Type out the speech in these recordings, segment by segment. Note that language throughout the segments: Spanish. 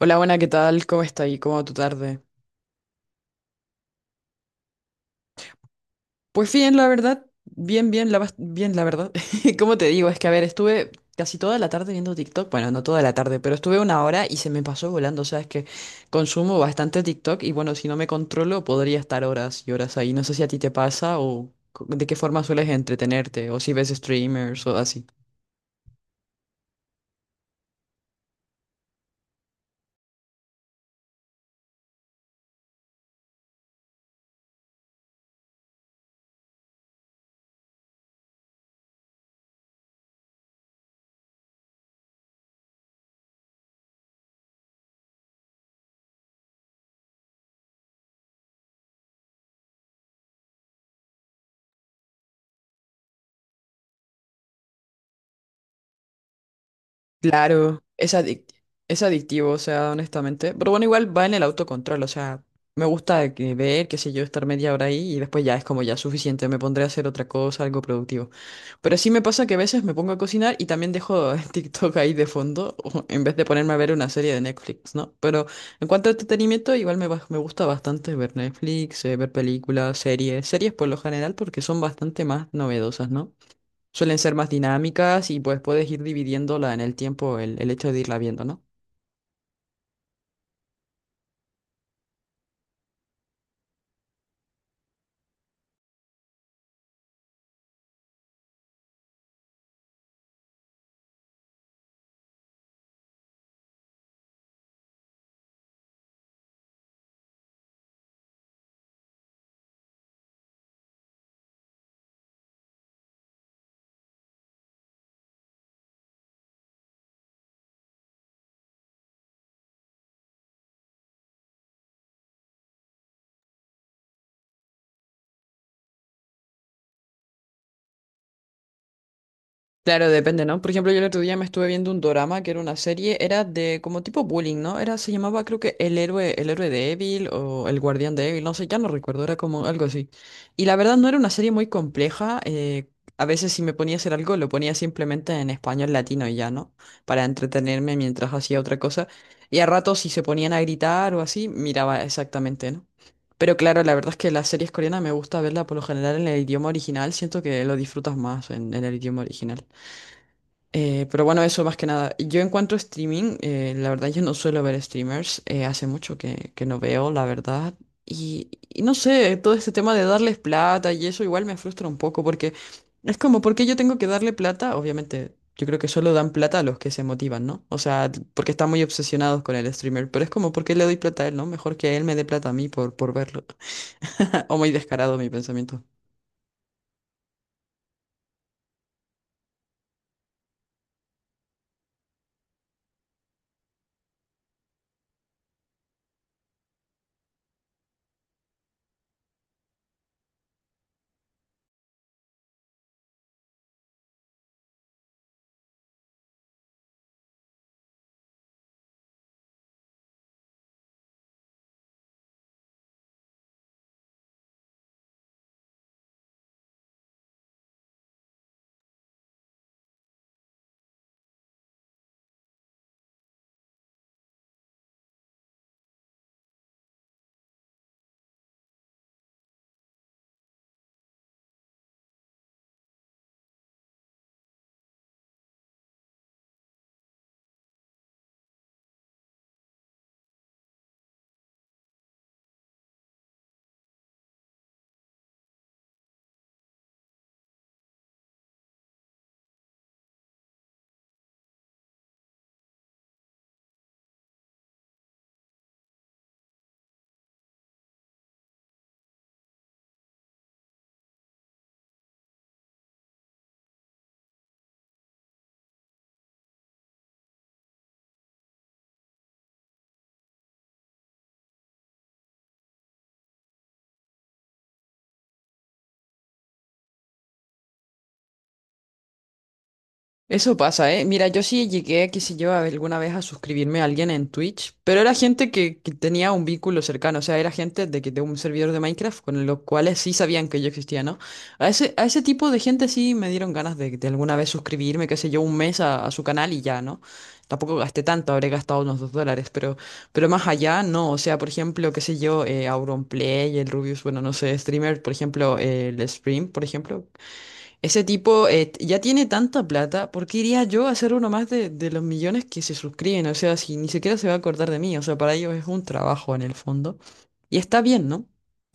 Hola, buena, ¿qué tal? ¿Cómo está ahí? ¿Cómo va tu tarde? Pues bien, la verdad, bien, bien, bien, la verdad. ¿Cómo te digo? Es que, a ver, estuve casi toda la tarde viendo TikTok. Bueno, no toda la tarde, pero estuve una hora y se me pasó volando. O sea, es que consumo bastante TikTok y bueno, si no me controlo, podría estar horas y horas ahí. No sé si a ti te pasa de qué forma sueles entretenerte o si ves streamers o así. Claro, es adictivo, o sea, honestamente. Pero bueno, igual va en el autocontrol, o sea, me gusta que ver, qué sé yo, estar media hora ahí y después ya es como ya suficiente, me pondré a hacer otra cosa, algo productivo. Pero sí me pasa que a veces me pongo a cocinar y también dejo TikTok ahí de fondo en vez de ponerme a ver una serie de Netflix, ¿no? Pero en cuanto a entretenimiento, me gusta bastante ver Netflix, ver películas, series, series por lo general porque son bastante más novedosas, ¿no? Suelen ser más dinámicas y pues puedes ir dividiéndola en el tiempo, el hecho de irla viendo, ¿no? Claro, depende, ¿no? Por ejemplo, yo el otro día me estuve viendo un dorama que era una serie, era de como tipo bullying, ¿no? Era, se llamaba creo que el héroe débil o El guardián débil, no sé, ya no recuerdo, era como algo así. Y la verdad no era una serie muy compleja, a veces si me ponía a hacer algo lo ponía simplemente en español latino y ya, ¿no? Para entretenerme mientras hacía otra cosa. Y a ratos si se ponían a gritar o así, miraba exactamente, ¿no? Pero claro, la verdad es que las series coreanas me gusta verla por lo general en el idioma original, siento que lo disfrutas más en el idioma original. Pero bueno, eso más que nada. Yo en cuanto a streaming, la verdad yo no suelo ver streamers, hace mucho que no veo, la verdad. Y no sé, todo este tema de darles plata y eso igual me frustra un poco porque es como, ¿por qué yo tengo que darle plata? Obviamente, yo creo que solo dan plata a los que se motivan, ¿no? O sea, porque están muy obsesionados con el streamer, pero es como, ¿por qué le doy plata a él, no? Mejor que él me dé plata a mí por verlo. O muy descarado mi pensamiento. Eso pasa, ¿eh? Mira, yo sí llegué, qué sé yo, alguna vez a suscribirme a alguien en Twitch, pero era gente que tenía un vínculo cercano, o sea, era gente de un servidor de Minecraft con los cuales sí sabían que yo existía, ¿no? A ese tipo de gente sí me dieron ganas de alguna vez suscribirme, qué sé yo, un mes a su canal y ya, ¿no? Tampoco gasté tanto, habré gastado unos dos dólares, pero más allá, no, o sea, por ejemplo, qué sé yo, Auronplay, el Rubius, bueno, no sé, streamer, por ejemplo, el Stream, por ejemplo. Ese tipo ya tiene tanta plata, ¿por qué iría yo a hacer uno más de los millones que se suscriben? O sea, si ni siquiera se va a acordar de mí, o sea, para ellos es un trabajo en el fondo. Y está bien, ¿no?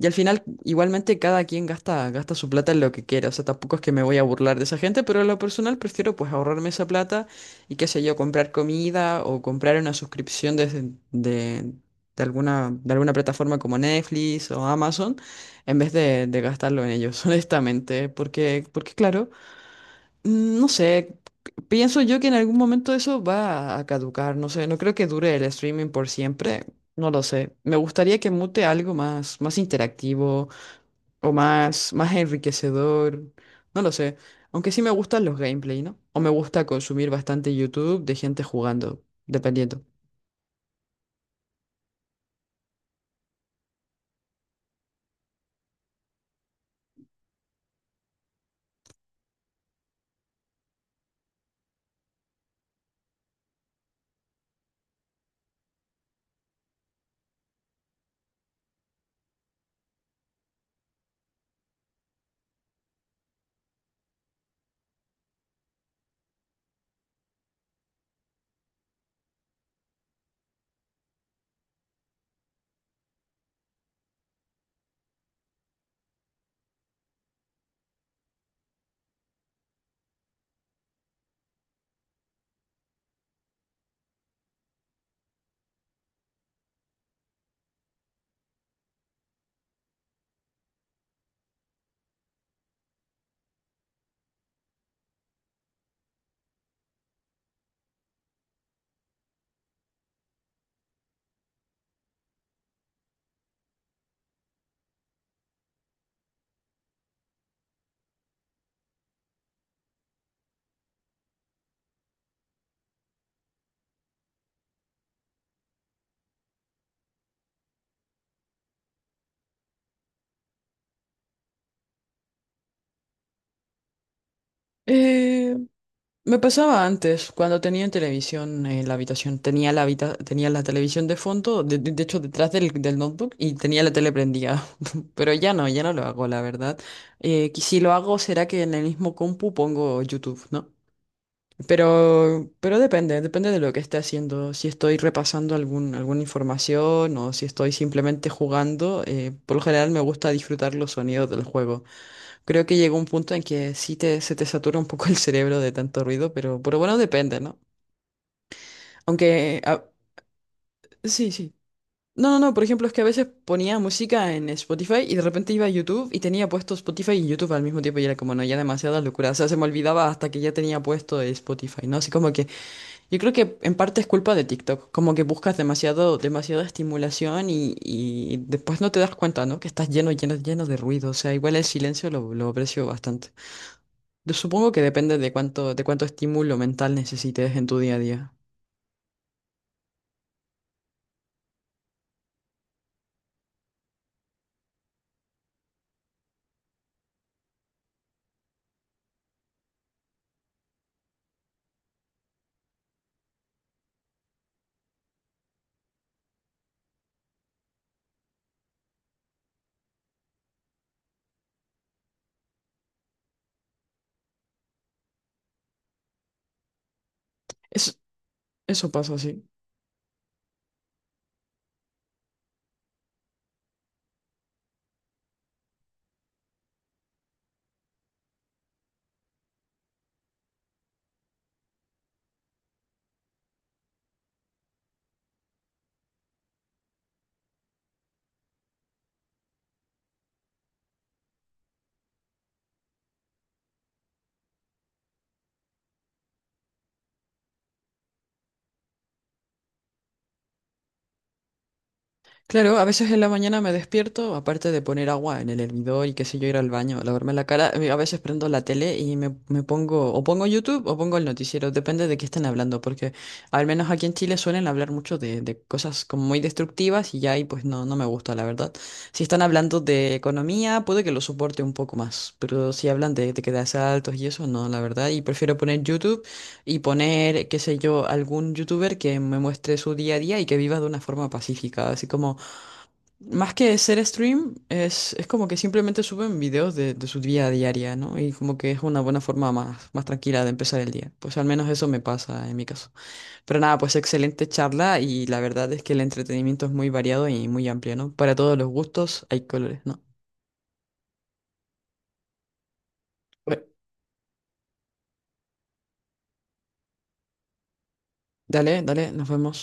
Y al final, igualmente, cada quien gasta su plata en lo que quiera. O sea, tampoco es que me voy a burlar de esa gente, pero en lo personal prefiero pues ahorrarme esa plata y qué sé yo, comprar comida o comprar una suscripción de alguna plataforma como Netflix o Amazon en vez de gastarlo en ellos, honestamente, porque claro, no sé, pienso yo que en algún momento eso va a caducar, no sé, no creo que dure el streaming por siempre, no lo sé. Me gustaría que mute más interactivo más enriquecedor, no lo sé. Aunque sí me gustan los gameplay, ¿no? O me gusta consumir bastante YouTube de gente jugando, dependiendo. Eh, Me pasaba antes, cuando tenía televisión en la habitación, tenía la televisión de fondo, de hecho detrás del, del notebook y tenía la tele prendida, pero ya no, ya no lo hago, la verdad. Que si lo hago será que en el mismo compu pongo YouTube, ¿no? Pero depende, depende de lo que esté haciendo, si estoy repasando alguna información o si estoy simplemente jugando, por lo general me gusta disfrutar los sonidos del juego. Creo que llegó un punto en que se te satura un poco el cerebro de tanto ruido, pero bueno, depende, ¿no? Aunque, sí, sí. No, no, no, por ejemplo, es que a veces ponía música en Spotify y de repente iba a YouTube y tenía puesto Spotify y YouTube al mismo tiempo y era como, no, ya demasiada locura. O sea, se me olvidaba hasta que ya tenía puesto Spotify, ¿no? Así como que yo creo que en parte es culpa de TikTok, como que buscas demasiado, demasiada estimulación y después no te das cuenta, ¿no? Que estás lleno, lleno, lleno de ruido. O sea, igual el silencio lo aprecio bastante. Yo supongo que depende de cuánto estímulo mental necesites en tu día a día. Es, eso pasa, sí. Claro, a veces en la mañana me despierto, aparte de poner agua en el hervidor y qué sé yo, ir al baño, lavarme la cara, a veces prendo la tele y me pongo, o pongo YouTube o pongo el noticiero, depende de qué estén hablando, porque al menos aquí en Chile suelen hablar mucho de cosas como muy destructivas y ya ahí pues no, no me gusta, la verdad. Si están hablando de economía, puede que lo soporte un poco más, pero si hablan de que de asaltos y eso, no, la verdad, y prefiero poner YouTube y poner, qué sé yo, algún youtuber que me muestre su día a día y que viva de una forma pacífica, así como... Más que ser stream, es como que simplemente suben videos de su día a diaria, ¿no? Y como que es una buena forma más, más tranquila de empezar el día. Pues al menos eso me pasa en mi caso. Pero nada, pues excelente charla y la verdad es que el entretenimiento es muy variado y muy amplio, ¿no? Para todos los gustos hay colores, ¿no? Bueno, dale, dale, nos vemos.